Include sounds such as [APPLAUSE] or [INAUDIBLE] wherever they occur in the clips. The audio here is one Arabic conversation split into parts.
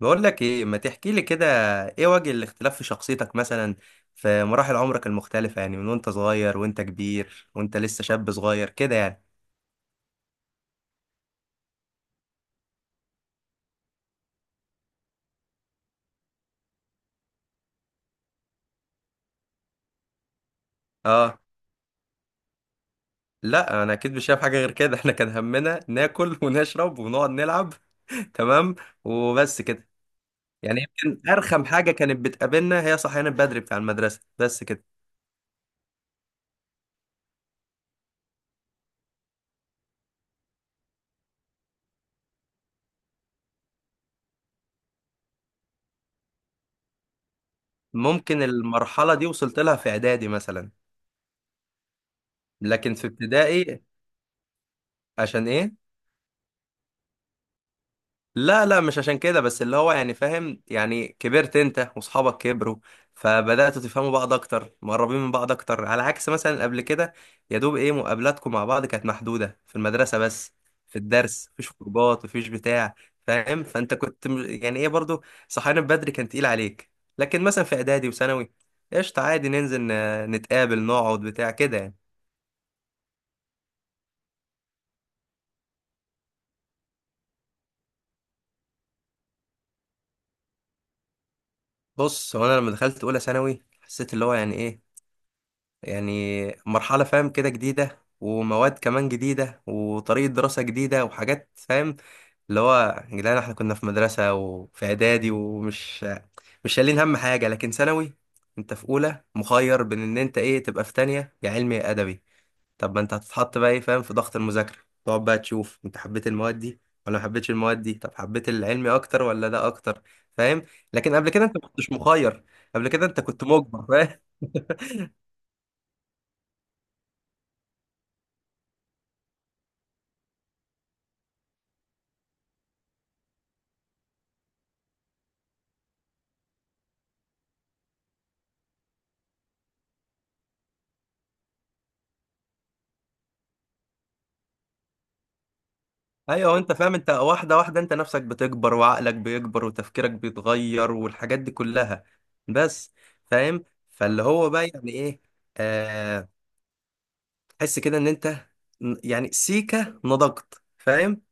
بقول لك ايه، ما تحكي لي كده. ايه وجه الاختلاف في شخصيتك مثلا في مراحل عمرك المختلفة؟ يعني من وانت صغير وانت كبير وانت لسه شاب صغير كده يعني. اه، لا انا اكيد مش شايف حاجة غير كده. [LAUGHS] احنا كان همنا ناكل ونشرب ونقعد نلعب. [LAUGHS] تمام، وبس كده. يعني يمكن ارخم حاجة كانت بتقابلنا هي صحيان بدري بتاع المدرسة، بس كده. ممكن المرحلة دي وصلت لها في اعدادي مثلا، لكن في ابتدائي عشان ايه؟ لا لا، مش عشان كده، بس اللي هو يعني فاهم، يعني كبرت انت واصحابك كبروا، فبدأتوا تفهموا بعض اكتر، مقربين من بعض اكتر، على عكس مثلا قبل كده. يا دوب ايه مقابلاتكم مع بعض كانت محدودة في المدرسة بس، في الدرس، مفيش خروجات مفيش بتاع. فاهم؟ فانت كنت يعني ايه برضو صحيان بدري كان تقيل عليك، لكن مثلا في اعدادي وثانوي قشطة، عادي ننزل نتقابل نقعد بتاع كده يعني. بص، هو انا لما دخلت اولى ثانوي حسيت اللي هو يعني ايه، يعني مرحلة فاهم كده جديدة، ومواد كمان جديدة، وطريقة دراسة جديدة، وحاجات فاهم، اللي هو يا جدعان احنا كنا في مدرسة وفي إعدادي ومش مش شايلين هم حاجة، لكن ثانوي انت في أولى مخير بين إن انت ايه تبقى في تانية، يا علمي يا أدبي. طب ما انت هتتحط بقى ايه فاهم في ضغط المذاكرة، تقعد بقى تشوف انت حبيت المواد دي ولا ما حبيتش المواد دي، طب حبيت العلمي أكتر ولا ده أكتر، فاهم؟ لكن قبل كده انت ما كنتش مخير، قبل كده انت كنت مجبر، فاهم؟ ايوه انت فاهم، انت واحده واحده انت نفسك بتكبر، وعقلك بيكبر، وتفكيرك بيتغير، والحاجات دي كلها. بس فاهم، فاللي هو بقى يعني ايه، آه، تحس كده ان انت يعني سيكه نضجت فاهم،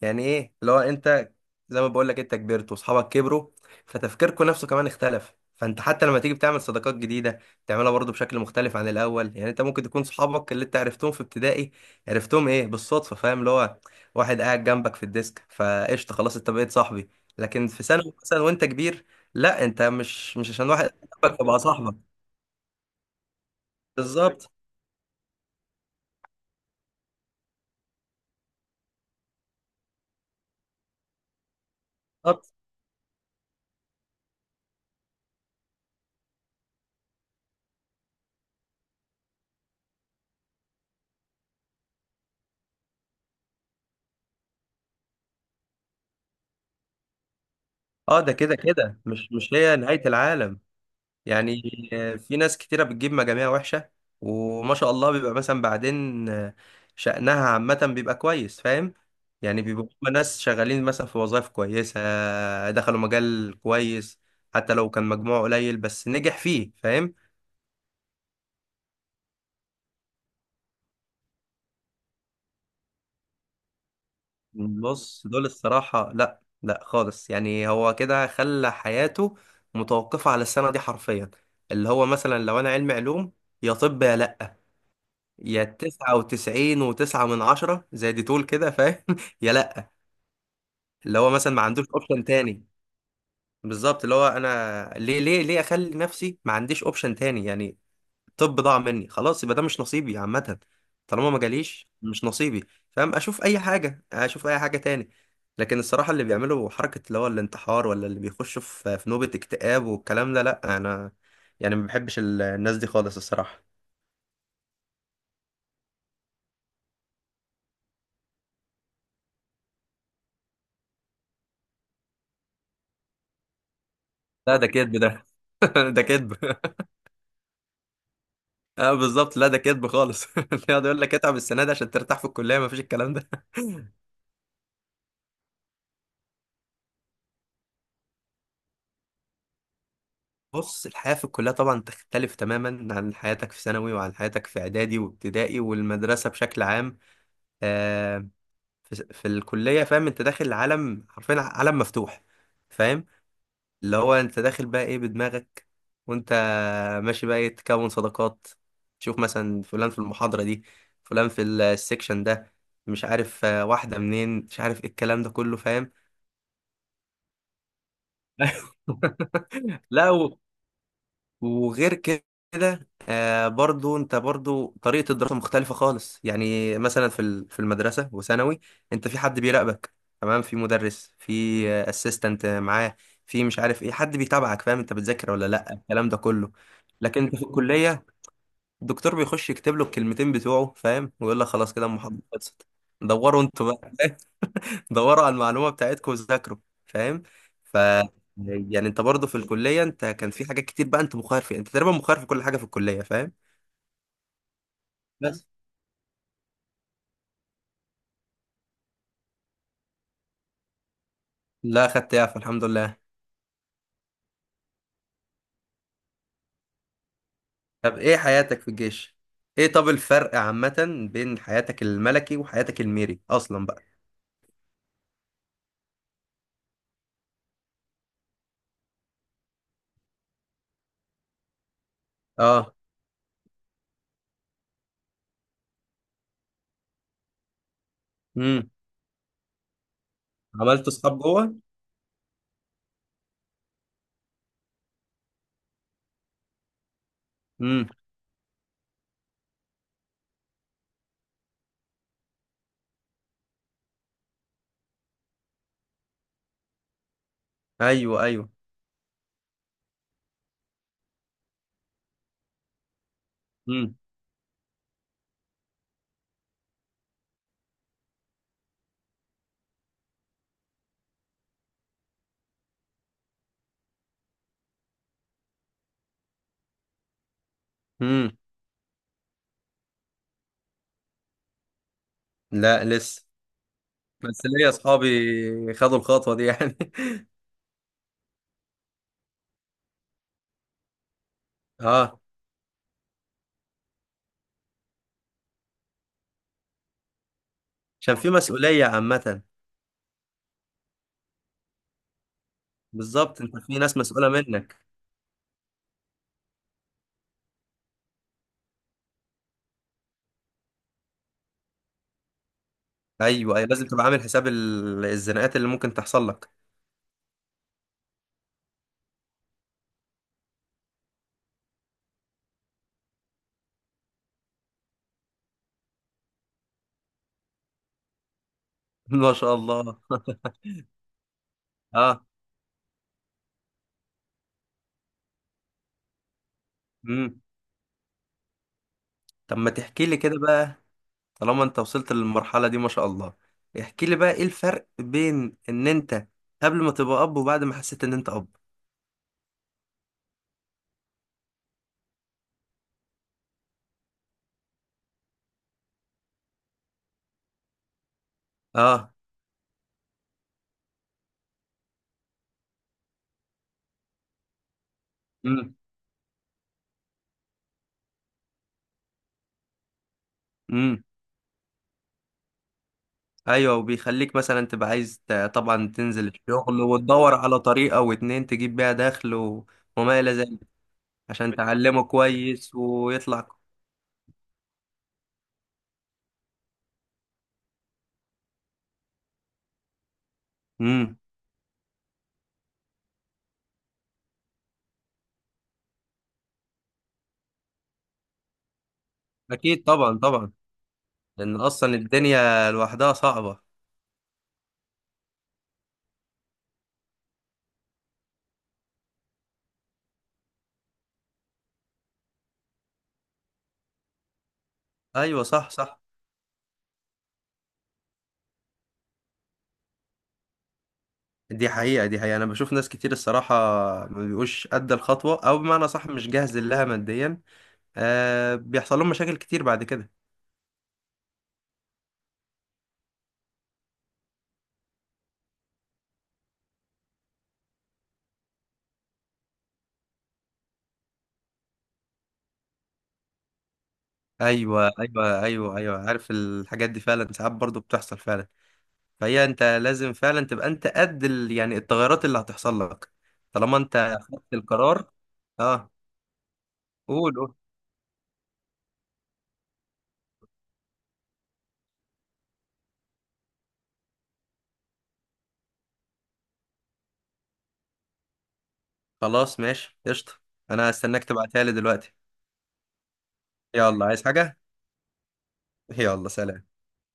يعني ايه اللي هو انت، زي ما بقول لك، انت كبرت واصحابك كبروا، فتفكيركم نفسه كمان اختلف، فانت حتى لما تيجي بتعمل صداقات جديده بتعملها برضو بشكل مختلف عن الاول. يعني انت ممكن تكون صحابك اللي انت عرفتهم في ابتدائي عرفتهم ايه بالصدفه، فاهم، اللي هو واحد قاعد جنبك في الديسك فقشطه خلاص انت بقيت صاحبي، لكن في ثانوي مثلا وانت كبير، لا انت مش عشان واحد قاعد جنبك تبقى صاحبك. بالظبط. بالظبط. اه، ده كده كده مش هي نهايه العالم. يعني في ناس كتيرة بتجيب مجاميع وحشة وما شاء الله بيبقى مثلا بعدين شأنها عامة بيبقى كويس، فاهم، يعني بيبقوا هما ناس شغالين مثلا في وظائف كويسة، دخلوا مجال كويس، حتى لو كان مجموعه قليل بس نجح فيه، فاهم. بص، دول الصراحة لا لا خالص، يعني هو كده خلى حياته متوقفة على السنة دي حرفيا، اللي هو مثلا لو أنا علمي علوم يا طب يا لا، يا 99.9 من 10 زي دي تقول كده فاهم، [LAUGHS] يا لأ، اللي هو مثلا ما عندوش أوبشن تاني. بالظبط، اللي هو أنا ليه ليه ليه أخلي نفسي ما عنديش أوبشن تاني يعني، طب ضاع مني خلاص يبقى ده مش نصيبي عامة، طالما ما جاليش مش نصيبي، فاهم، أشوف أي حاجة، أشوف أي حاجة تاني. لكن الصراحة اللي بيعملوا حركة اللي هو الانتحار، ولا اللي بيخشوا في نوبة اكتئاب والكلام ده، لأ، أنا يعني ما بحبش الناس دي خالص الصراحة. لا ده كدب ده. [LAUGHS] ده كدب. اه بالظبط، لا ده كدب خالص. [LAUGHS] يقعد يقول لك اتعب السنه دي عشان ترتاح في الكليه، ما فيش الكلام ده. [LAUGHS] بص، الحياه في الكليه طبعا تختلف تماما عن حياتك في ثانوي، وعن حياتك في اعدادي وابتدائي والمدرسه بشكل عام. آه، في الكليه فاهم انت داخل عالم، حرفيا عالم مفتوح، فاهم، اللي هو انت داخل بقى ايه بدماغك، وانت ماشي بقى ايه تكون صداقات، تشوف مثلا فلان في المحاضره دي، فلان في السكشن ده، مش عارف واحده منين، مش عارف ايه الكلام ده كله فاهم. [LAUGHS] لا وغير كده آه، برضو انت برضو طريقة الدراسة مختلفة خالص. يعني مثلا في في المدرسة وثانوي انت في حد بيراقبك، تمام، في مدرس، في اسيستنت معاه، في مش عارف ايه، حد بيتابعك، فاهم، انت بتذاكر ولا لا، الكلام ده كله. لكن انت في الكلية الدكتور بيخش يكتب له الكلمتين بتوعه فاهم، ويقول لك خلاص كده المحاضرة خلصت، دوروا انتوا بقى، دوروا على المعلومة بتاعتكم وذاكروا، فاهم. ف يعني انت برضه في الكلية انت كان في حاجات كتير بقى انت مخير فيها، انت تقريبا مخير في كل حاجة في الكلية فاهم. بس. لا، خدت يعفى الحمد لله. طب ايه حياتك في الجيش، ايه طب الفرق عامة بين حياتك الملكي وحياتك الميري اصلا بقى؟ اه. امم. عملت اصحاب جوه. امم. ايوه، ايوه. امم. امم. لا لسه، بس ليا اصحابي خدوا الخطوة دي يعني. [LAUGHS] اه. عشان في مسؤولية عامة. بالظبط، انت في ناس مسؤولة منك. ايوه ايوه، لازم تبقى عامل حساب الزناقات اللي ممكن تحصل لك. [LAUGHS] ما شاء الله. [LAUGHS] اه. امم. طب ما تحكي لي كده بقى، طالما انت وصلت للمرحلة دي ما شاء الله، احكي لي بقى ايه الفرق بين ان انت قبل ما تبقى اب، وبعد ما حسيت ان انت اب. اه. امم. امم. ايوه، وبيخليك مثلا تبقى عايز طبعا تنزل الشغل وتدور على طريقة واتنين تجيب بيها دخل وما الى ذلك عشان تعلمه كويس ويطلع. امم. اكيد طبعا طبعا، لان اصلا الدنيا لوحدها صعبه. ايوه صح صح، دي حقيقه، دي حقيقه، انا بشوف ناس كتير الصراحه ما بيبقوش قد الخطوه، او بمعنى صح مش جاهز لها ماديا، آه بيحصل لهم مشاكل كتير بعد كده. ايوه ايوه ايوه ايوه، عارف، الحاجات دي فعلا ساعات برضو بتحصل فعلا. فهي انت لازم فعلا تبقى انت قد يعني التغيرات اللي هتحصل لك طالما انت خدت القرار. اه، قول قول. خلاص ماشي قشطه، انا هستناك تبعتها لي دلوقتي. يلا عايز حاجه؟ يلا سلام.